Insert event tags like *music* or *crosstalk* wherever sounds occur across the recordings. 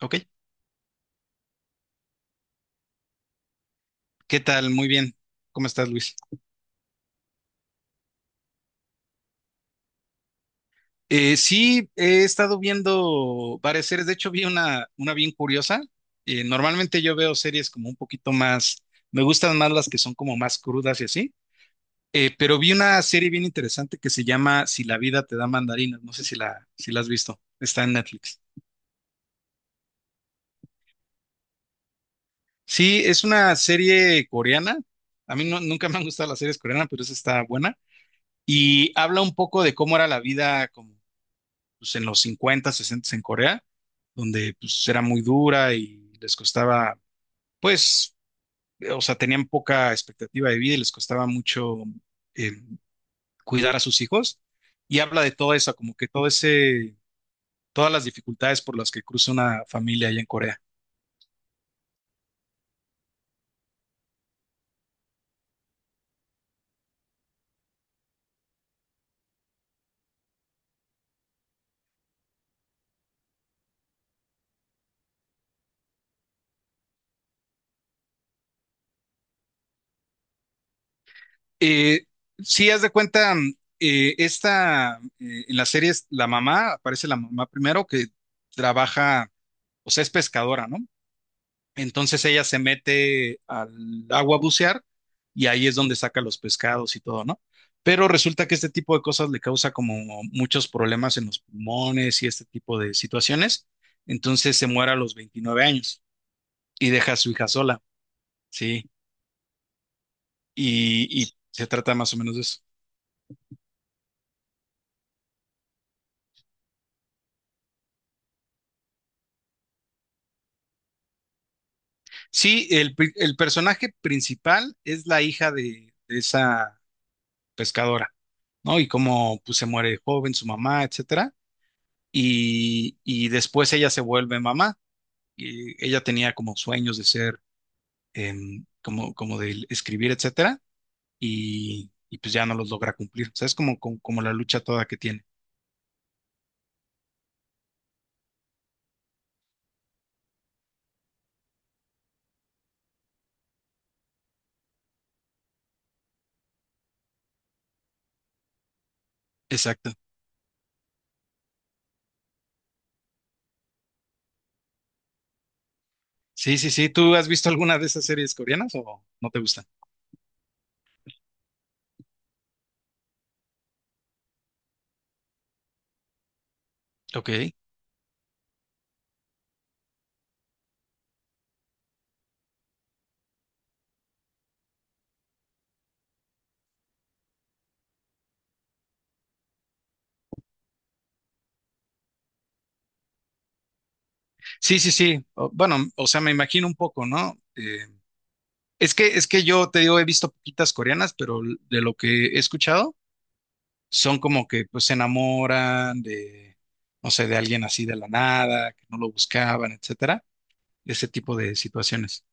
Ok, ¿qué tal? Muy bien. ¿Cómo estás, Luis? Sí, he estado viendo varias series. De hecho, vi una bien curiosa. Normalmente yo veo series como un poquito más, me gustan más las que son como más crudas y así. Pero vi una serie bien interesante que se llama Si la vida te da mandarinas. No sé si la has visto. Está en Netflix. Sí, es una serie coreana. A mí nunca me han gustado las series coreanas, pero esa está buena. Y habla un poco de cómo era la vida como pues, en los 50, 60 en Corea, donde pues era muy dura y les costaba, pues, o sea, tenían poca expectativa de vida y les costaba mucho eh, cuidar a sus hijos. Y habla de todo eso, como que todas las dificultades por las que cruza una familia allá en Corea. Eh, si haz de cuenta, en las series, aparece la mamá primero que trabaja, o sea, es pescadora, ¿no? Entonces ella se mete al agua a bucear y ahí es donde saca los pescados y todo, ¿no? Pero resulta que este tipo de cosas le causa como muchos problemas en los pulmones y este tipo de situaciones. Entonces se muere a los 29 años y deja a su hija sola, ¿sí? Y se trata más o menos de eso. Sí, el personaje principal es la hija de esa pescadora, ¿no? Y cómo pues, se muere joven su mamá, etcétera. Y después ella se vuelve mamá y ella tenía como sueños de ser, como de escribir, etcétera, y pues ya no los logra cumplir. O sea, es como la lucha toda que tiene. Exacto. Sí, sí, sí. ¿Tú has visto alguna de esas series coreanas o no te gustan? Ok. Sí, sí, sí. Bueno, o sea, me imagino un poco, ¿no? Es que yo te digo, he visto poquitas coreanas, pero de lo que he escuchado, son como que pues se enamoran de, no sé, de alguien así de la nada, que no lo buscaban, etcétera. Ese tipo de situaciones.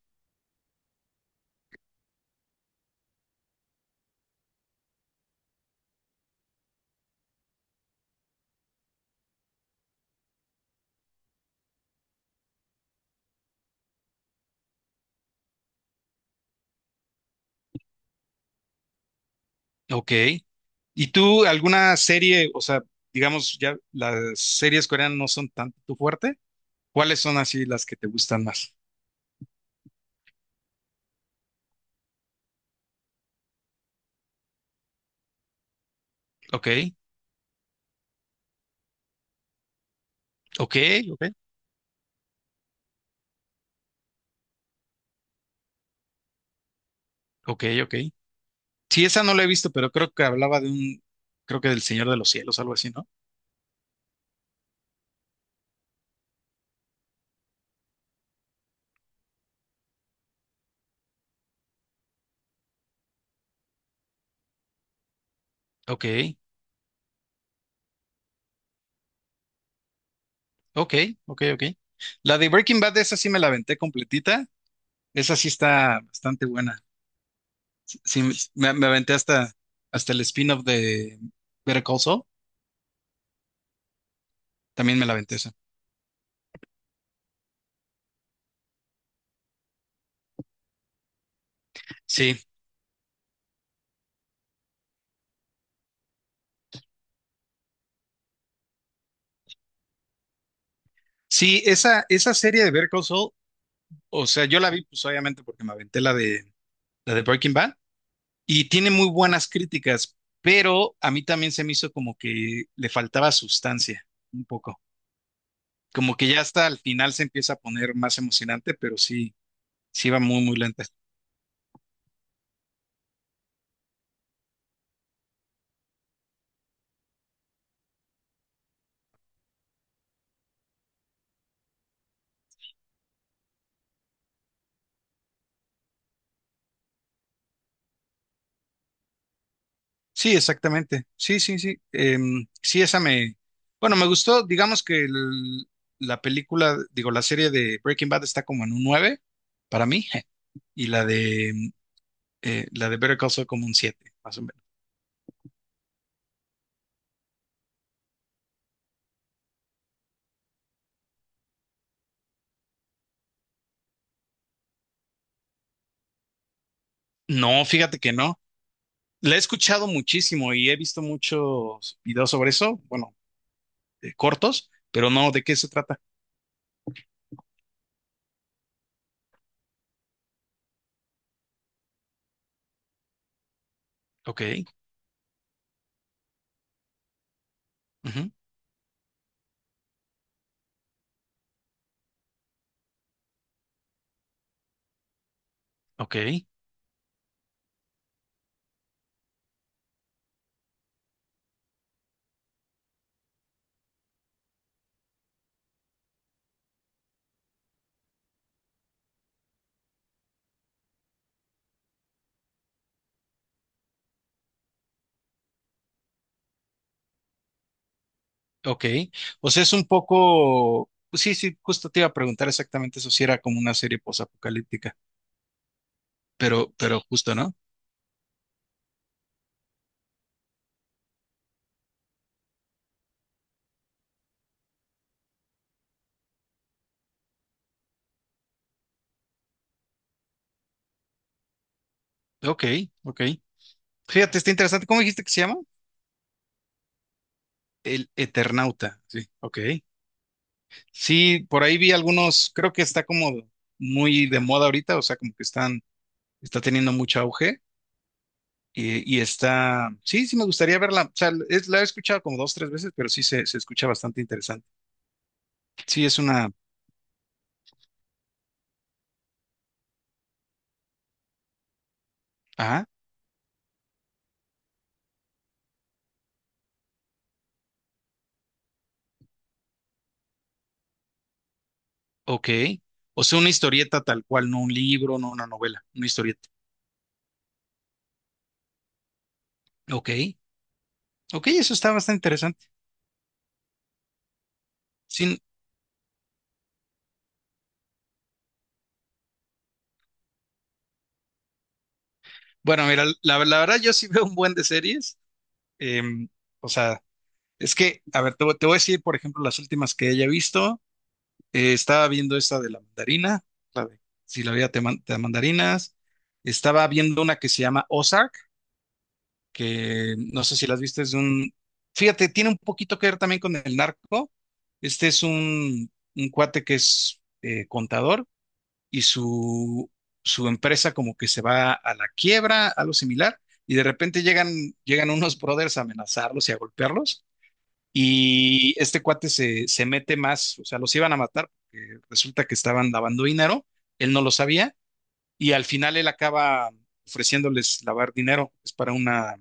Ok. ¿Y tú alguna serie, o sea, digamos, ya las series coreanas no son tanto tu fuerte? ¿Cuáles son así las que te gustan más? Ok, ok, ok, ok, ok. Sí, esa no la he visto, pero creo que hablaba de un, creo que del Señor de los Cielos, algo así, ¿no? Ok, ok, ok, ok. La de Breaking Bad, esa sí me la aventé completita. Esa sí está bastante buena. Sí, me aventé hasta el spin-off de Better Call Saul. También me la aventé esa. Sí, sí, esa serie de Better Call Saul, o sea, yo la vi pues obviamente porque me aventé la de Breaking Bad y tiene muy buenas críticas, pero a mí también se me hizo como que le faltaba sustancia un poco, como que ya hasta al final se empieza a poner más emocionante, pero sí, sí va muy, muy lenta. Sí, exactamente, sí, sí, sí, sí, esa me, bueno, me gustó, digamos que la película, digo, la serie de Breaking Bad está como en un 9 para mí. *laughs* Y la de Better Call Saul como un siete más o menos. No, fíjate que no. La he escuchado muchísimo y he visto muchos videos sobre eso, bueno, cortos, pero no, ¿de qué se trata? Ok, ujú, ok, ok. O sea, es un poco, pues sí, sí, justo te iba a preguntar exactamente eso, si era como una serie posapocalíptica, pero justo, ¿no? Ok, ok. Fíjate, está interesante. ¿Cómo dijiste que se llama? El Eternauta. Sí, ok. Sí, por ahí vi algunos, creo que está como muy de moda ahorita, o sea, como que está teniendo mucho auge y sí, sí me gustaría verla, o sea, la he escuchado como dos, tres veces, pero sí se escucha bastante interesante. Sí, ah, ok, o sea, una historieta tal cual, no un libro, no una novela, una historieta. Ok, ok, eso está bastante interesante. Sin. Bueno, mira, la verdad yo sí *laughs* veo un buen de series, em, o sea, es que, a ver, te voy a decir, por ejemplo, las últimas que haya visto. Estaba viendo esta de la mandarina, la de si la vida te da mandarinas. Estaba viendo una que se llama Ozark, que no sé si las viste, es de un... Fíjate, tiene un poquito que ver también con el narco. Este es un cuate que es contador y su empresa como que se va a la quiebra, algo similar, y de repente llegan unos *laughs* brothers a amenazarlos y a golpearlos. Y este cuate se mete más, o sea, los iban a matar porque resulta que estaban lavando dinero, él no lo sabía y al final él acaba ofreciéndoles lavar dinero, es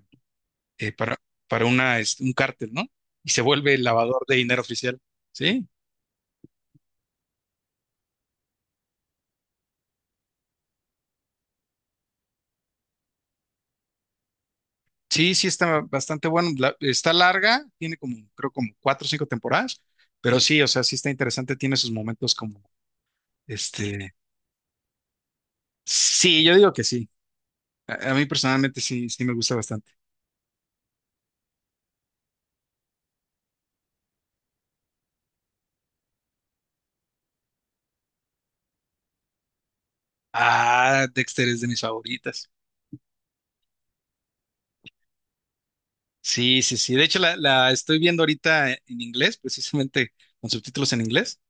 eh, para, para una, este, un cártel, ¿no? Y se vuelve el lavador de dinero oficial, ¿sí? Sí, sí, está bastante bueno, está larga, tiene como, creo como cuatro o cinco temporadas, pero sí, o sea, sí está interesante, tiene sus momentos como, este, sí, yo digo que sí, a mí personalmente sí, sí me gusta bastante. Ah, Dexter es de mis favoritas. Sí, sí, sí. De hecho, la estoy viendo ahorita en inglés, precisamente con subtítulos en inglés,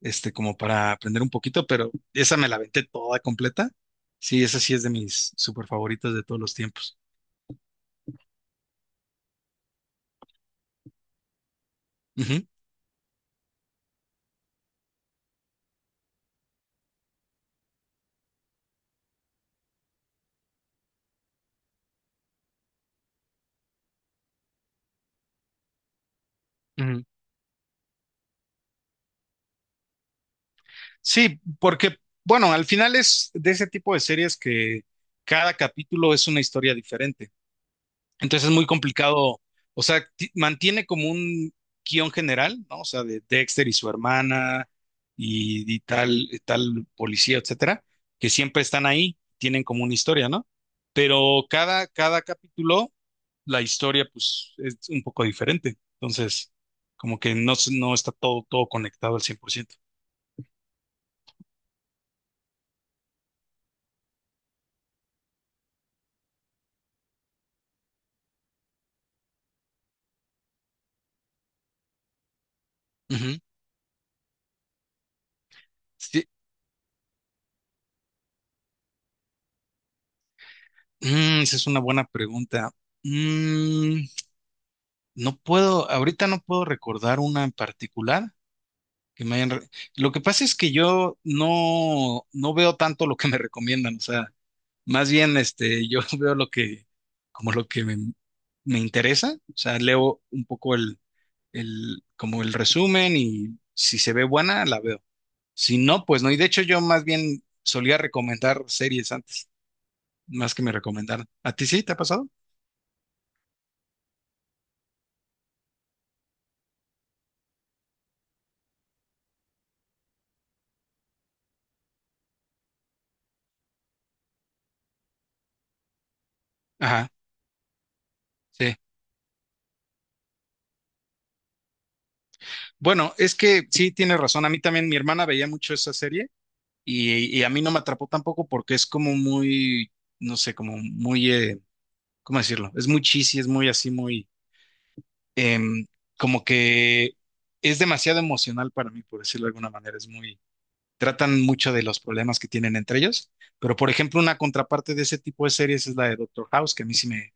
como para aprender un poquito, pero esa me la aventé toda completa. Sí, esa sí es de mis super favoritas de todos los tiempos. Ujú, ujú. Sí, porque, bueno, al final es de ese tipo de series que cada capítulo es una historia diferente. Entonces es muy complicado, o sea, mantiene como un guión general, ¿no? O sea, de Dexter y su hermana y tal policía, etcétera, que siempre están ahí, tienen como una historia, ¿no? Pero cada capítulo, la historia, pues, es un poco diferente. Entonces, como que no, no está todo, todo conectado al 100%. Ujú. Sí. Mm, esa es una buena pregunta. Mm, ahorita no puedo recordar una en particular. Que me hayan re- Lo que pasa es que yo no veo tanto lo que me recomiendan, o sea, más bien yo *laughs* veo como lo que me interesa, o sea, leo un poco el, como el resumen y si se ve buena, la veo. Si no, pues no, y de hecho yo más bien solía recomendar series antes, más que me recomendaran. ¿A ti sí te ha pasado? Ajá, sí. Bueno, es que sí tienes razón, a mí también mi hermana veía mucho esa serie. Y a mí no me atrapó tampoco porque es como muy, no sé, como muy, ¿cómo decirlo? Es muy cheesy, es muy así, muy, em, como que es demasiado emocional para mí, por decirlo de alguna manera. Tratan mucho de los problemas que tienen entre ellos. Pero, por ejemplo, una contraparte de ese tipo de series es la de Doctor House, que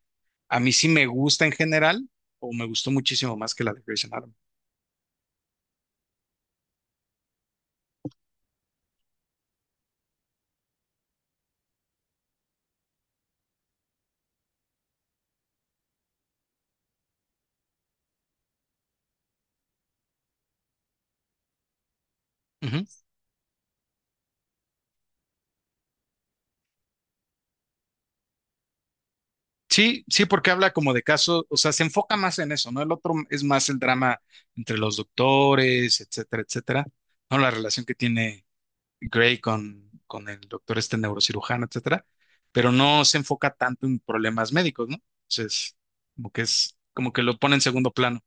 a mí sí me gusta en general, o me gustó muchísimo más que la de Grey's Anatomy. Sí, sí, porque habla como de casos, o sea, se enfoca más en eso, ¿no? El otro es más el drama entre los doctores, etcétera, etcétera, ¿no? La relación que tiene Gray con el doctor este neurocirujano, etcétera, pero no se enfoca tanto en problemas médicos, ¿no? Entonces, como que lo pone en segundo plano.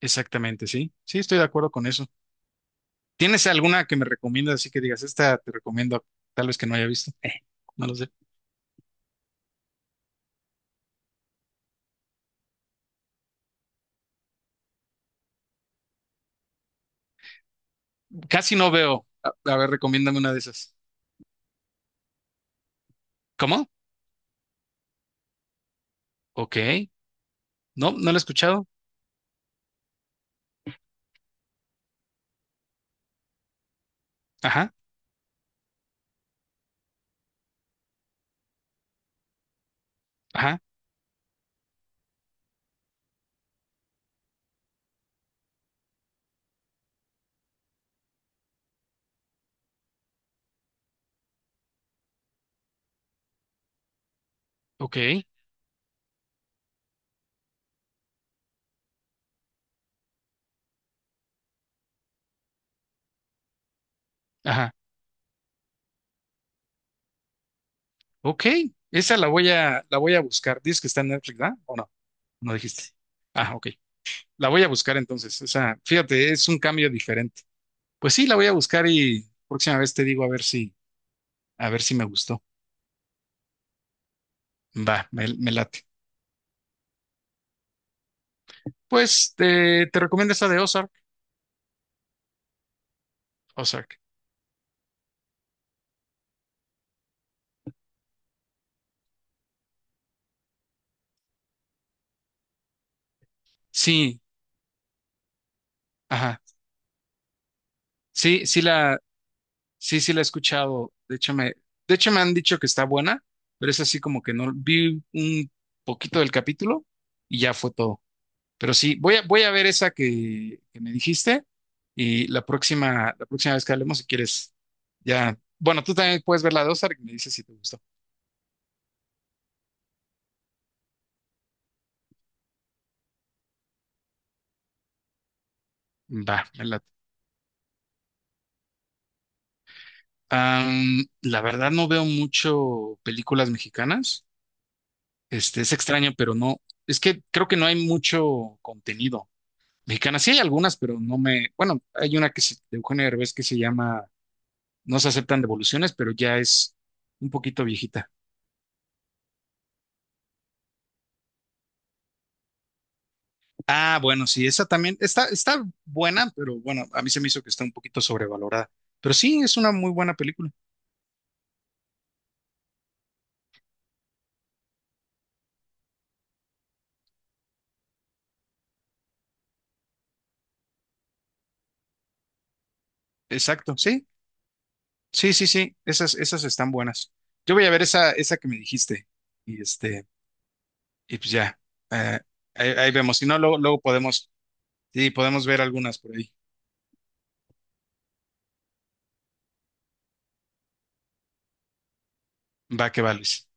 Exactamente, sí, sí, estoy de acuerdo con eso. ¿Tienes alguna que me recomiendas así que digas, esta te recomiendo, tal vez que no haya visto? No lo sé. Casi no veo. A ver, recomiéndame una de esas. ¿Cómo? Ok. No, no la he escuchado. Ajá, ajá, ok, ajá, ok. Esa la voy a buscar. Dices que está en Netflix, ¿verdad? ¿O no? No dijiste. Ah, ok. La voy a buscar entonces. O sea, fíjate, es un cambio diferente. Pues sí, la voy a buscar y próxima vez te digo a ver si me gustó. Va, me late. Pues te recomiendo esa de Ozark. Ozark. Sí, ajá. Sí, sí la Sí, sí la he escuchado. De hecho, me han dicho que está buena, pero es así como que no vi un poquito del capítulo y ya fue todo. Pero sí, voy a ver esa que me dijiste y la próxima vez que hablemos, si quieres, ya. Bueno, tú también puedes ver la de Ozark y me dices si te gustó. Va, me late. La verdad no veo mucho películas mexicanas. Es extraño, pero no. Es que creo que no hay mucho contenido. Mexicana, sí hay algunas, pero no me. Bueno, hay una de Eugenio Derbez que se llama No se aceptan devoluciones, pero ya es un poquito viejita. Ah, bueno, sí, esa también está buena, pero bueno, a mí se me hizo que está un poquito sobrevalorada. Pero sí, es una muy buena película. Exacto, sí, sí, sí, sí, esas están buenas. Yo voy a ver esa que me dijiste y este, y pues ya, eh, ahí vemos. Si no, luego podemos, sí, podemos ver algunas por ahí. Va que vales.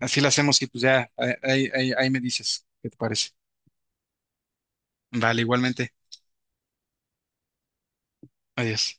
Así lo hacemos y pues ya ahí me dices qué te parece. Vale, igualmente. Adiós.